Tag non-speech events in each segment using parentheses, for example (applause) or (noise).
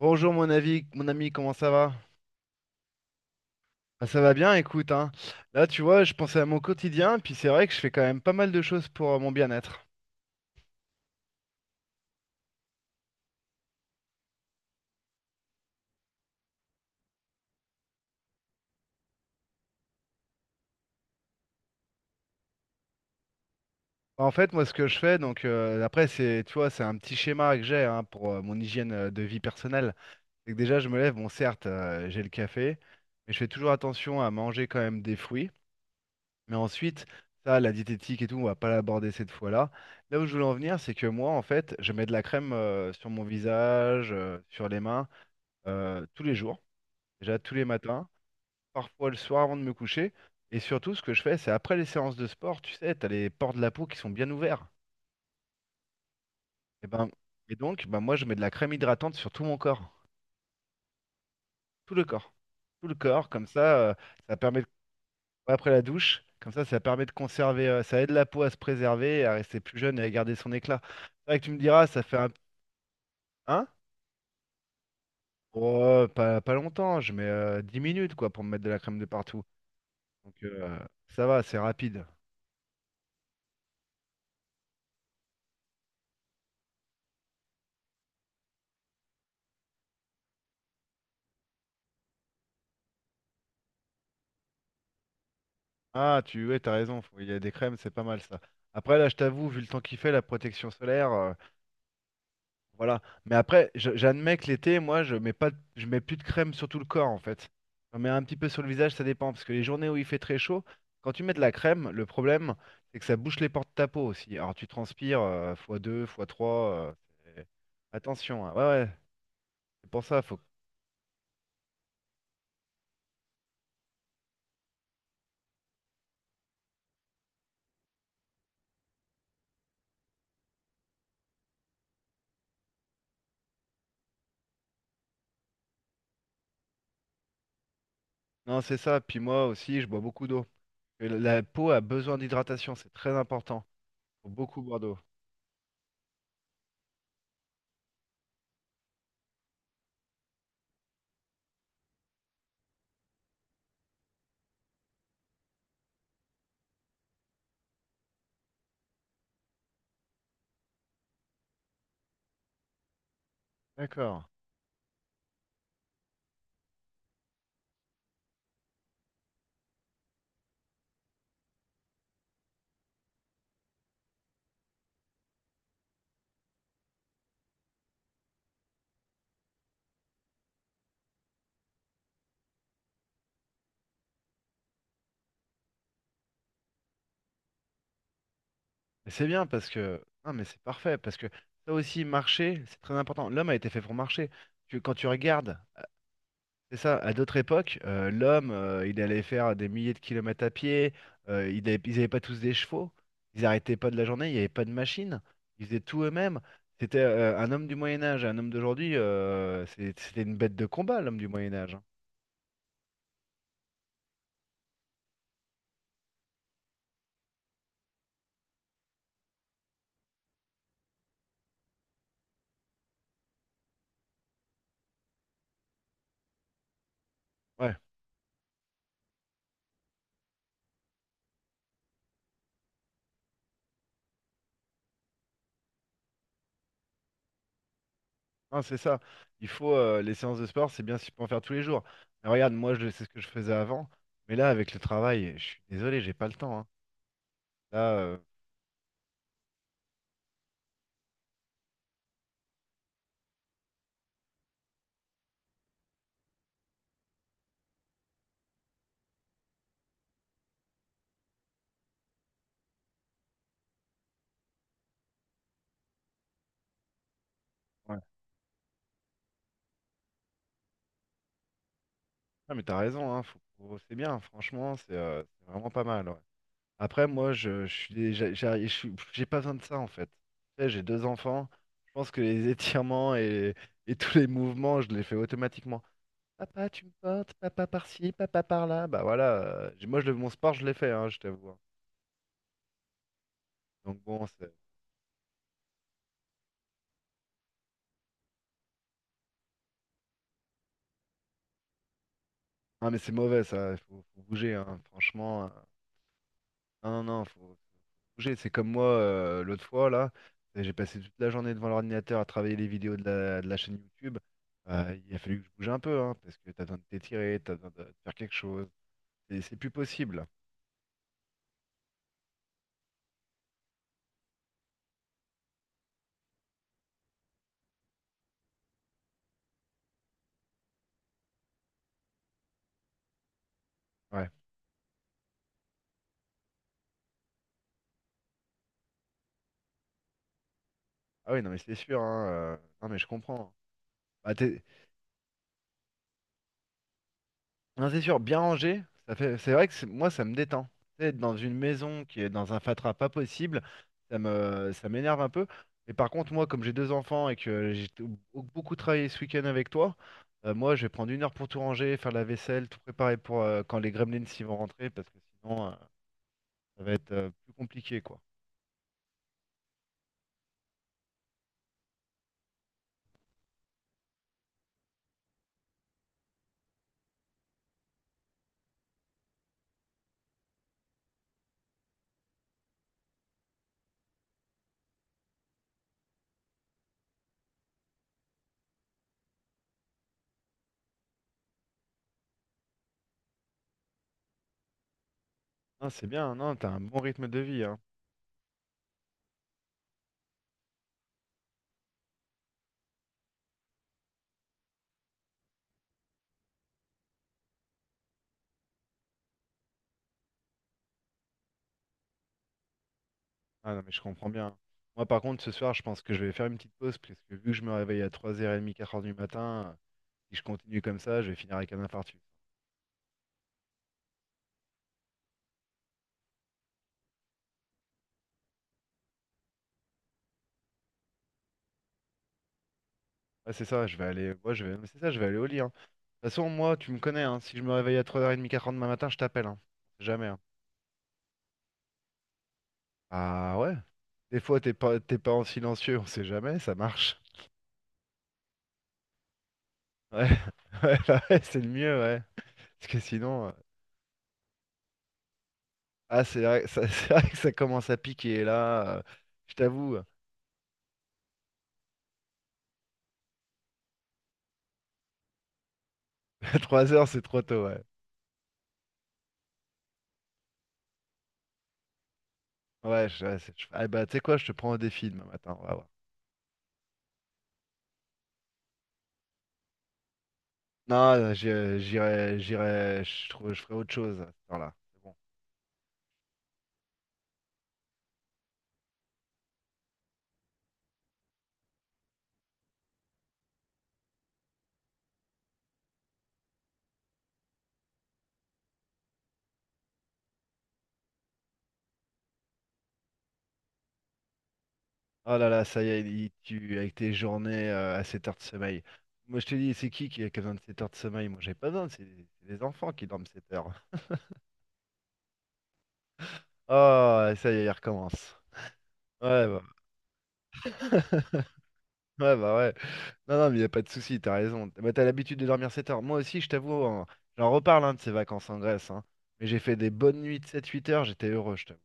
Bonjour mon ami, comment ça va? Ah, ça va bien, écoute, hein. Là, tu vois, je pensais à mon quotidien, puis c'est vrai que je fais quand même pas mal de choses pour mon bien-être. En fait, moi, ce que je fais, après, c'est, tu vois, c'est un petit schéma que j'ai hein, pour mon hygiène de vie personnelle. C'est que déjà, je me lève, bon, certes, j'ai le café, mais je fais toujours attention à manger quand même des fruits. Mais ensuite, ça, la diététique et tout, on va pas l'aborder cette fois-là. Là où je voulais en venir, c'est que moi, en fait, je mets de la crème sur mon visage, sur les mains, tous les jours. Déjà tous les matins, parfois le soir avant de me coucher. Et surtout, ce que je fais, c'est après les séances de sport, tu sais, t'as les pores de la peau qui sont bien ouverts. Et ben, et donc, moi, je mets de la crème hydratante sur tout mon corps, tout le corps, tout le corps. Comme ça, euh, ça permet de- après la douche, comme ça permet de conserver, ça aide la peau à se préserver, à rester plus jeune et à garder son éclat. C'est vrai que tu me diras, ça fait un, hein? Oh, pas longtemps, je mets 10 minutes quoi pour me mettre de la crème de partout. Donc euh, ça va, c'est rapide. Ah, tu ouais, t'as raison, il y a des crèmes, c'est pas mal ça. Après, là, je t'avoue, vu le temps qu'il fait, la protection solaire, voilà. Mais après, j'admets que l'été, moi, je mets pas, de- je mets plus de crème sur tout le corps, en fait. J'en mets un petit peu sur le visage, ça dépend, parce que les journées où il fait très chaud, quand tu mets de la crème, le problème, c'est que ça bouche les pores de ta peau aussi. Alors, tu transpires fois 2 fois 3. Attention, hein. Ouais, ouais, c'est pour ça, faut. Non, c'est ça. Puis moi aussi, je bois beaucoup d'eau. Et la peau a besoin d'hydratation, c'est très important. Faut beaucoup boire d'eau. D'accord. Mais C'est bien parce que. Non, mais c'est parfait parce que ça aussi, marcher, c'est très important. L'homme a été fait pour marcher. Quand tu regardes, c'est ça, à d'autres époques, l'homme, il allait faire des milliers de kilomètres à pied, ils n'avaient pas tous des chevaux, ils n'arrêtaient pas de la journée, il n'y avait pas de machine, ils faisaient tout eux-mêmes. C'était un homme du Moyen-Âge, un homme d'aujourd'hui, c'était une bête de combat, l'homme du Moyen-Âge. Ouais. Non, c'est ça. Il faut les séances de sport, c'est bien si tu peux en faire tous les jours. Mais regarde, moi, je sais ce que je faisais avant. Mais là, avec le travail, je suis désolé, j'ai pas le temps, hein. Là, ouais. Ah, mais t'as raison, hein, c'est bien, franchement, c'est vraiment pas mal, ouais. Après, moi, je suis déjà, j'ai pas besoin de ça en fait. Tu sais, j'ai deux enfants. Je pense que les (laughs) étirements et tous les mouvements, je les fais automatiquement. Papa, tu me portes, papa par-ci, papa par-là. Bah voilà, mon sport, je l'ai fait, hein, je t'avoue, hein. Donc bon, c'est. Ah mais c'est mauvais ça, faut bouger hein, franchement. Non, non, non, faut bouger. C'est comme moi l'autre fois là, j'ai passé toute la journée devant l'ordinateur à travailler les vidéos de de la chaîne YouTube. Il a fallu que je bouge un peu hein, parce que t'as besoin de t'étirer, t'as besoin de faire quelque chose. C'est plus possible. Ouais. Ah oui, non mais c'est sûr, hein, non mais je comprends. Bah, t'es- Non, c'est sûr, bien rangé, ça fait... c'est vrai que moi, ça me détend. Tu sais, être dans une maison qui est dans un fatras pas possible, ça me... ça m'énerve un peu. Mais par contre, moi, comme j'ai deux enfants et que beaucoup travaillé ce week-end avec toi, moi, je vais prendre 1 heure pour tout ranger, faire la vaisselle, tout préparer pour quand les gremlins s'y vont rentrer, parce que sinon, ça va être plus compliqué, quoi. Non, c'est bien, non, t'as un bon rythme de vie, hein. Ah non, mais je comprends bien. Moi, par contre, ce soir, je pense que je vais faire une petite pause, parce que vu que je me réveille à 3h30, 4 heures du matin... Si je continue comme ça, je vais finir avec un infarctus. Ouais, c'est ça, je vais aller. Moi, je vais... mais C'est ça, je vais aller au lit, hein. De toute façon, moi, tu me connais, hein, si je me réveille à 3h30, 4 heures demain matin, je t'appelle. Hein. On sait jamais, hein. Ah ouais. Des fois, t'es pas en silencieux, on sait jamais, ça marche. Ouais, (laughs) ouais, bah ouais, c'est le mieux, ouais. Parce que sinon. Ah, c'est vrai, (laughs) c'est vrai que ça commence à piquer là. Je t'avoue, (laughs) 3 heures c'est trop tôt, ouais. Ouais, je... ouais, c'est- je- Ah, bah, tu sais quoi, je te prends au défi demain matin, on va voir. Non, je- J'irai, je trouve, je ferai autre chose à cette heure-là. C'est bon. Oh là là, ça y est, avec tes journées à 7 heures de sommeil. Moi, je te dis, c'est qui a besoin de 7 heures de sommeil? Moi, j'ai pas besoin, c'est les enfants qui dorment 7 heures. Oh, ça y est, il recommence. Ouais, bah, ouais, bah ouais. Non, non, mais il n'y a pas de souci, t'as raison. Bah, t'as l'habitude de dormir 7 heures. Moi aussi, je t'avoue, hein, j'en reparle hein, de ces vacances en Grèce, hein. Mais j'ai fait des bonnes nuits de 7-8 heures, j'étais heureux, je t'avoue.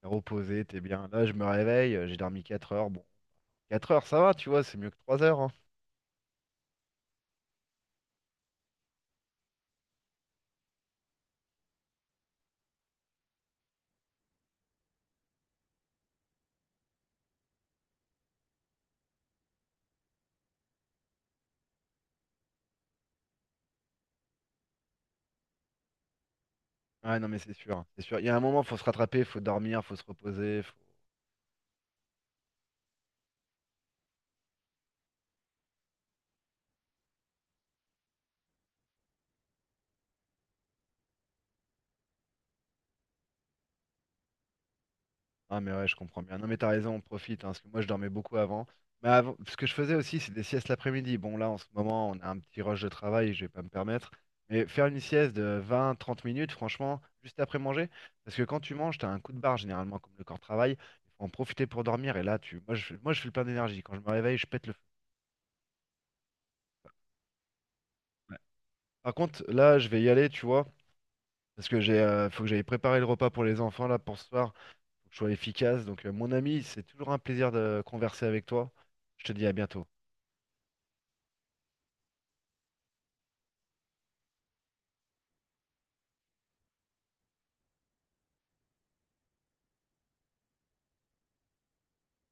T'es reposé, t'es bien. Là, je me réveille, j'ai dormi 4 heures. Bon. 4 heures, ça va, tu vois, c'est mieux que 3 heures, hein. Ouais, non, mais c'est sûr, hein, c'est sûr. Il y a un moment, faut se rattraper, faut dormir, faut se reposer. Faut... Ah, mais ouais, je comprends bien. Non, mais t'as raison, on profite, hein, parce que moi, je dormais beaucoup avant. Mais avant, ce que je faisais aussi, c'est des siestes l'après-midi. Bon, là, en ce moment, on a un petit rush de travail, je vais pas me permettre. Mais faire une sieste de 20, 30 minutes, franchement, juste après manger, parce que quand tu manges, t'as un coup de barre, généralement, comme le corps travaille. Il faut en profiter pour dormir, et là, tu... moi, je suis le plein d'énergie. Quand je me réveille, je pète le feu. Ouais. Par contre, là, je vais y aller, tu vois. Parce que faut que j'aille préparer le repas pour les enfants là pour ce soir. Faut que je sois efficace. Donc, mon ami, c'est toujours un plaisir de converser avec toi. Je te dis à bientôt.